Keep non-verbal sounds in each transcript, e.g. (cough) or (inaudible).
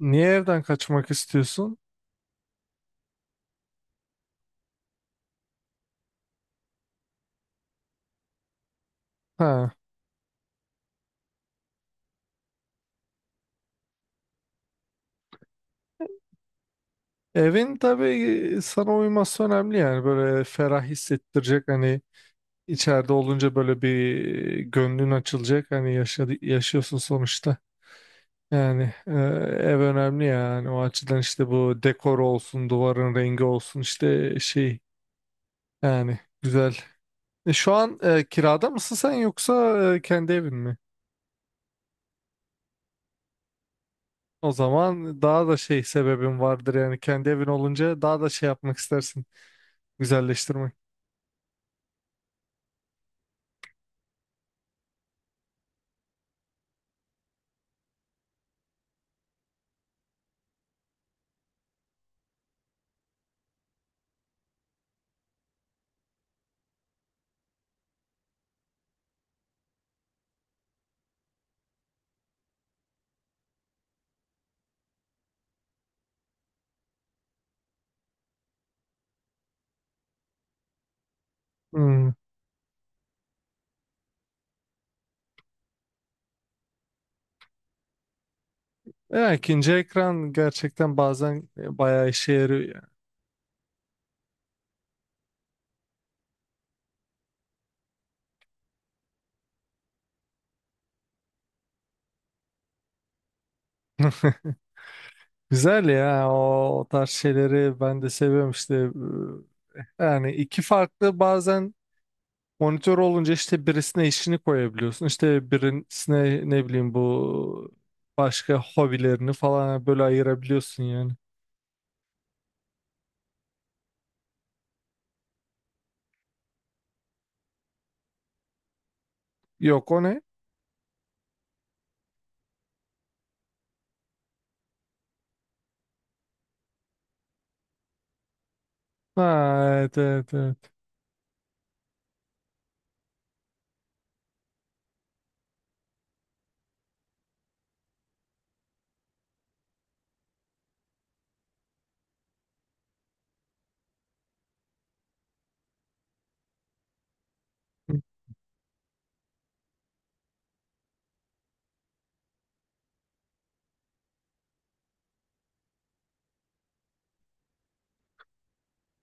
Niye evden kaçmak istiyorsun? Ha. Evin tabii sana uyması önemli, yani böyle ferah hissettirecek, hani içeride olunca böyle bir gönlün açılacak, hani yaşıyorsun sonuçta. Yani ev önemli, yani o açıdan, işte bu dekor olsun, duvarın rengi olsun, işte şey, yani güzel. Şu an kirada mısın sen, yoksa kendi evin mi? O zaman daha da şey sebebin vardır, yani kendi evin olunca daha da şey yapmak istersin. Güzelleştirmek. Hmm. Ya, ikinci ekran gerçekten bazen bayağı işe yarıyor yani. Güzel ya, o tarz şeyleri ben de seviyorum işte. Yani iki farklı, bazen monitör olunca işte birisine işini koyabiliyorsun, İşte birisine ne bileyim bu başka hobilerini falan böyle ayırabiliyorsun yani. Yok, o ne? Ha, evet, evet, evet.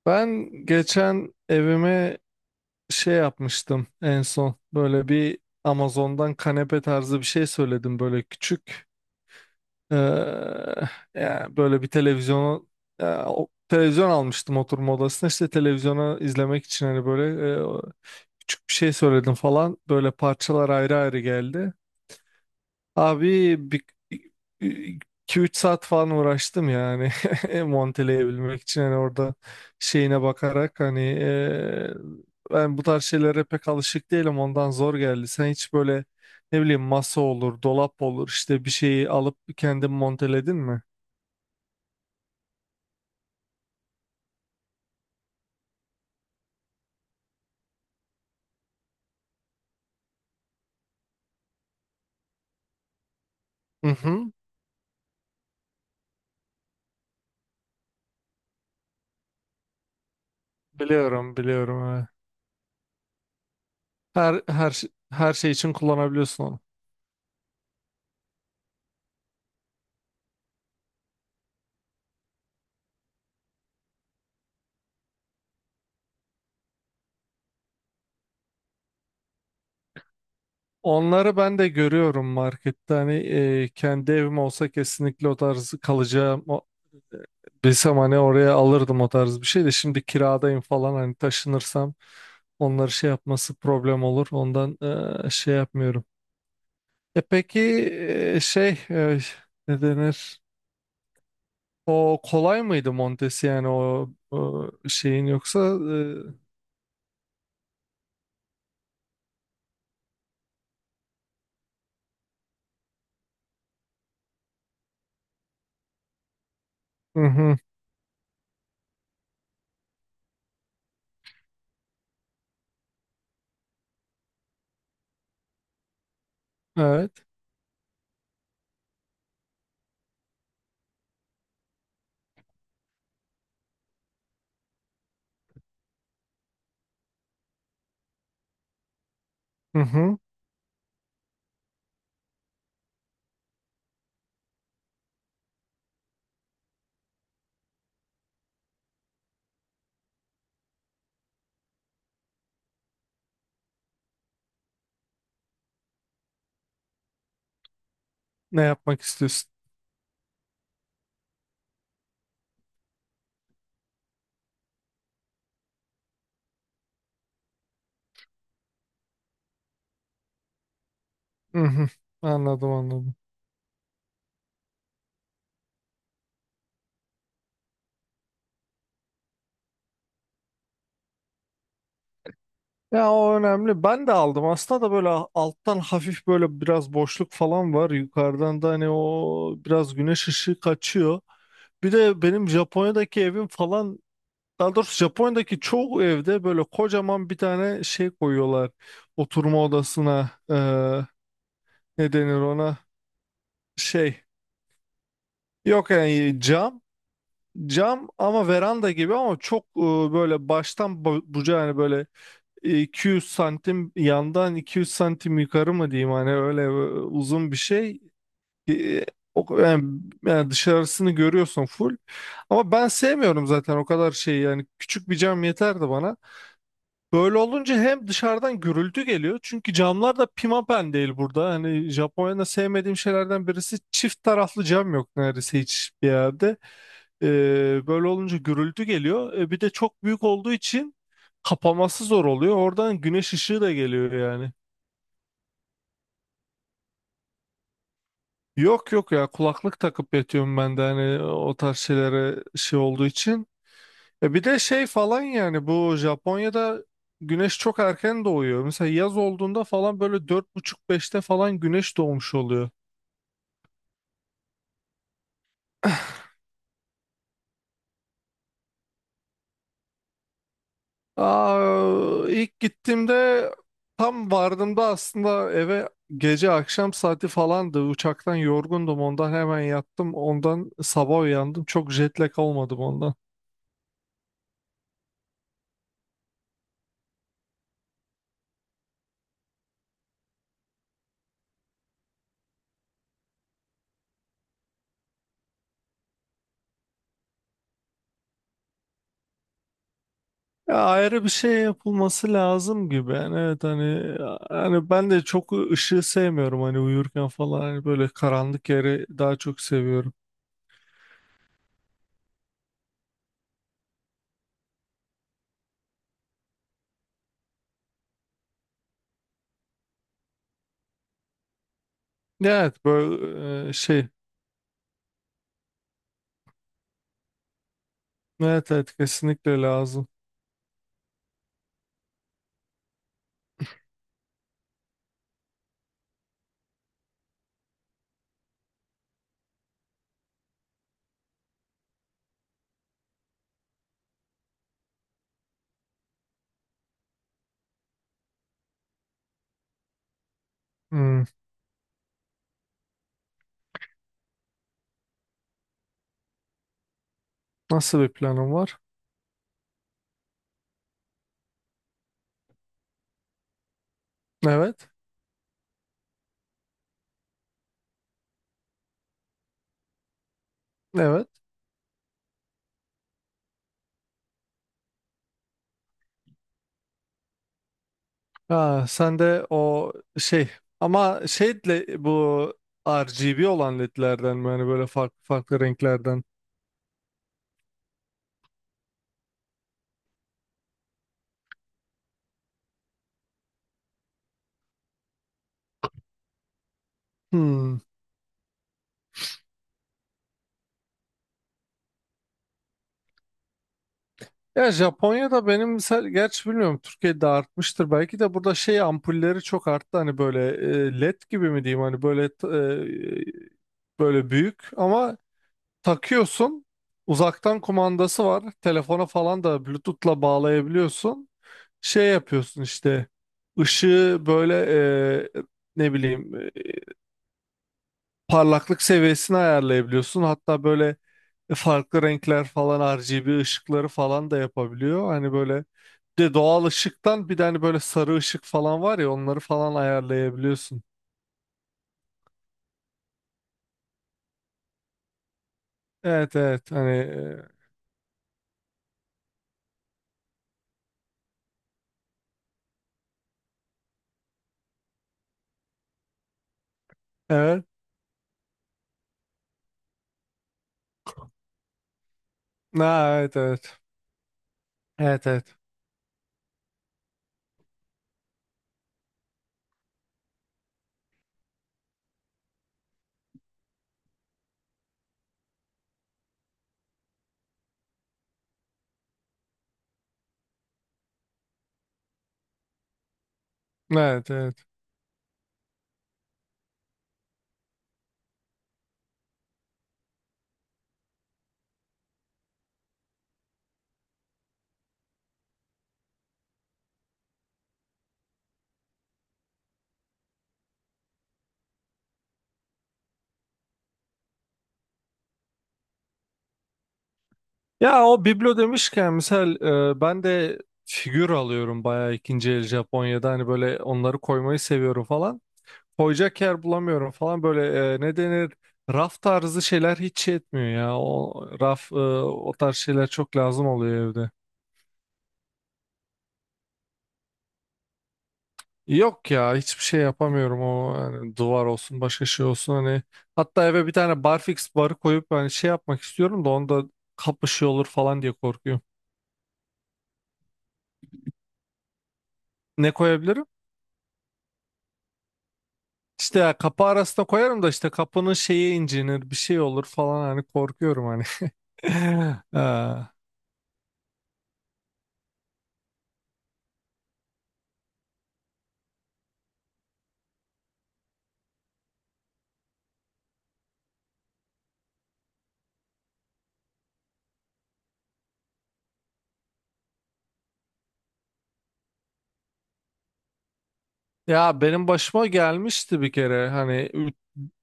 Ben geçen evime şey yapmıştım en son, böyle bir Amazon'dan kanepe tarzı bir şey söyledim, böyle küçük. Ee, Yani böyle bir televizyonu, ya, televizyon almıştım oturma odasına, işte televizyonu izlemek için, hani böyle e, küçük bir şey söyledim falan, böyle parçalar ayrı ayrı geldi. Abi bir 2-3 saat falan uğraştım yani, (laughs) monteleyebilmek için, hani orada şeyine bakarak, hani ben bu tarz şeylere pek alışık değilim, ondan zor geldi. Sen hiç böyle ne bileyim masa olur, dolap olur, işte bir şeyi alıp kendin monteledin mi? Hı hı. Biliyorum, biliyorum. Evet. Her şey için kullanabiliyorsun onu. Onları ben de görüyorum markette. Hani kendi evim olsa kesinlikle o tarz kalacağım. Bilsem hani oraya alırdım o tarz bir şey de, şimdi kiradayım falan, hani taşınırsam onları şey yapması problem olur. Ondan şey yapmıyorum. Peki, şey, ne denir? O kolay mıydı montesi, yani o şeyin yoksa? Hı hı, evet. Hı hı. Ne yapmak istiyorsun? Hı hı. Anladım, anladım. Ya, o önemli. Ben de aldım. Aslında da böyle alttan hafif böyle biraz boşluk falan var. Yukarıdan da hani o biraz güneş ışığı kaçıyor. Bir de benim Japonya'daki evim falan, daha doğrusu Japonya'daki çoğu evde böyle kocaman bir tane şey koyuyorlar. Oturma odasına ne denir ona, şey. Yok yani, cam. Cam ama veranda gibi, ama çok böyle baştan bucağı, hani böyle 200 santim yandan, 200 santim yukarı mı diyeyim, hani öyle uzun bir şey. E, o, yani, yani dışarısını görüyorsun full. Ama ben sevmiyorum zaten o kadar şeyi, yani küçük bir cam yeterdi bana. Böyle olunca hem dışarıdan gürültü geliyor, çünkü camlar da pimapen değil burada. Hani Japonya'da sevmediğim şeylerden birisi, çift taraflı cam yok neredeyse hiçbir yerde. E, Böyle olunca gürültü geliyor. Bir de çok büyük olduğu için kapaması zor oluyor. Oradan güneş ışığı da geliyor yani. Yok yok ya, kulaklık takıp yatıyorum ben de, hani o tarz şeylere şey olduğu için. Bir de şey falan, yani bu Japonya'da güneş çok erken doğuyor. Mesela yaz olduğunda falan böyle 4:30 5'te falan güneş doğmuş oluyor. Aa, ilk gittiğimde tam vardığımda aslında eve gece akşam saati falandı. Uçaktan yorgundum, ondan hemen yattım. Ondan sabah uyandım. Çok jet lag olmadım ondan. Ya, ayrı bir şey yapılması lazım gibi. Yani evet hani ben de çok ışığı sevmiyorum, hani uyurken falan, hani böyle karanlık yeri daha çok seviyorum. Evet böyle şey, evet evet, kesinlikle lazım. Hmm. Nasıl bir planım var? Evet. Evet. Ha, sen de o şey, ama şeyle bu RGB olan ledlerden mi? Hani böyle farklı farklı renklerden. Hmm. Ya Japonya'da benim mesela, gerçi bilmiyorum Türkiye'de artmıştır belki de, burada şey ampulleri çok arttı hani böyle led gibi mi diyeyim, hani böyle böyle büyük ama takıyorsun. Uzaktan kumandası var. Telefona falan da Bluetooth'la bağlayabiliyorsun. Şey yapıyorsun işte. Işığı böyle e, ne bileyim parlaklık seviyesini ayarlayabiliyorsun. Hatta böyle farklı renkler falan, RGB ışıkları falan da yapabiliyor. Hani böyle bir de doğal ışıktan, bir de hani böyle sarı ışık falan var ya, onları falan ayarlayabiliyorsun. Evet evet, hani evet. Ha, evet evet. Evet evet. Evet evet. Ya, o biblo demişken misal ben de figür alıyorum bayağı, ikinci el Japonya'da hani böyle onları koymayı seviyorum falan. Koyacak yer bulamıyorum falan, böyle ne denir, raf tarzı şeyler hiç şey etmiyor ya. O raf, o tarz şeyler çok lazım oluyor evde. Yok ya, hiçbir şey yapamıyorum, o hani duvar olsun başka şey olsun, hani hatta eve bir tane barfix barı koyup hani şey yapmak istiyorum da, onda kapışıyor olur falan diye korkuyorum. Ne koyabilirim? İşte ya kapı arasına koyarım da, işte kapının şeyi incinir bir şey olur falan hani, korkuyorum hani. (laughs) Ha. Ya, benim başıma gelmişti bir kere hani,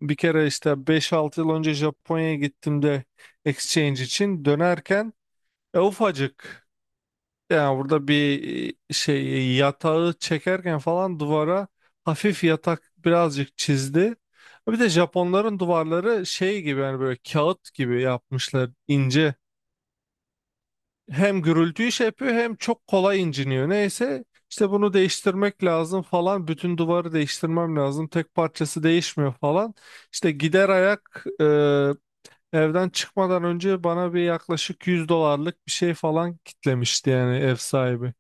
bir kere işte 5-6 yıl önce Japonya'ya gittim de, exchange için dönerken ufacık, yani burada bir şey yatağı çekerken falan duvara, hafif yatak birazcık çizdi. Bir de Japonların duvarları şey gibi, yani böyle kağıt gibi yapmışlar ince, hem gürültüyü şey yapıyor hem çok kolay inciniyor. Neyse, işte bunu değiştirmek lazım falan. Bütün duvarı değiştirmem lazım. Tek parçası değişmiyor falan. İşte gider ayak evden çıkmadan önce bana bir yaklaşık 100 dolarlık bir şey falan kitlemişti yani, ev sahibi.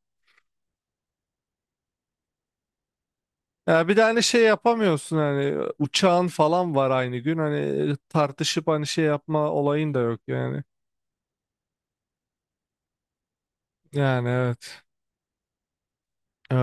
Ya bir de hani şey yapamıyorsun, hani uçağın falan var aynı gün, hani tartışıp hani şey yapma olayın da yok yani. Yani evet. Evet.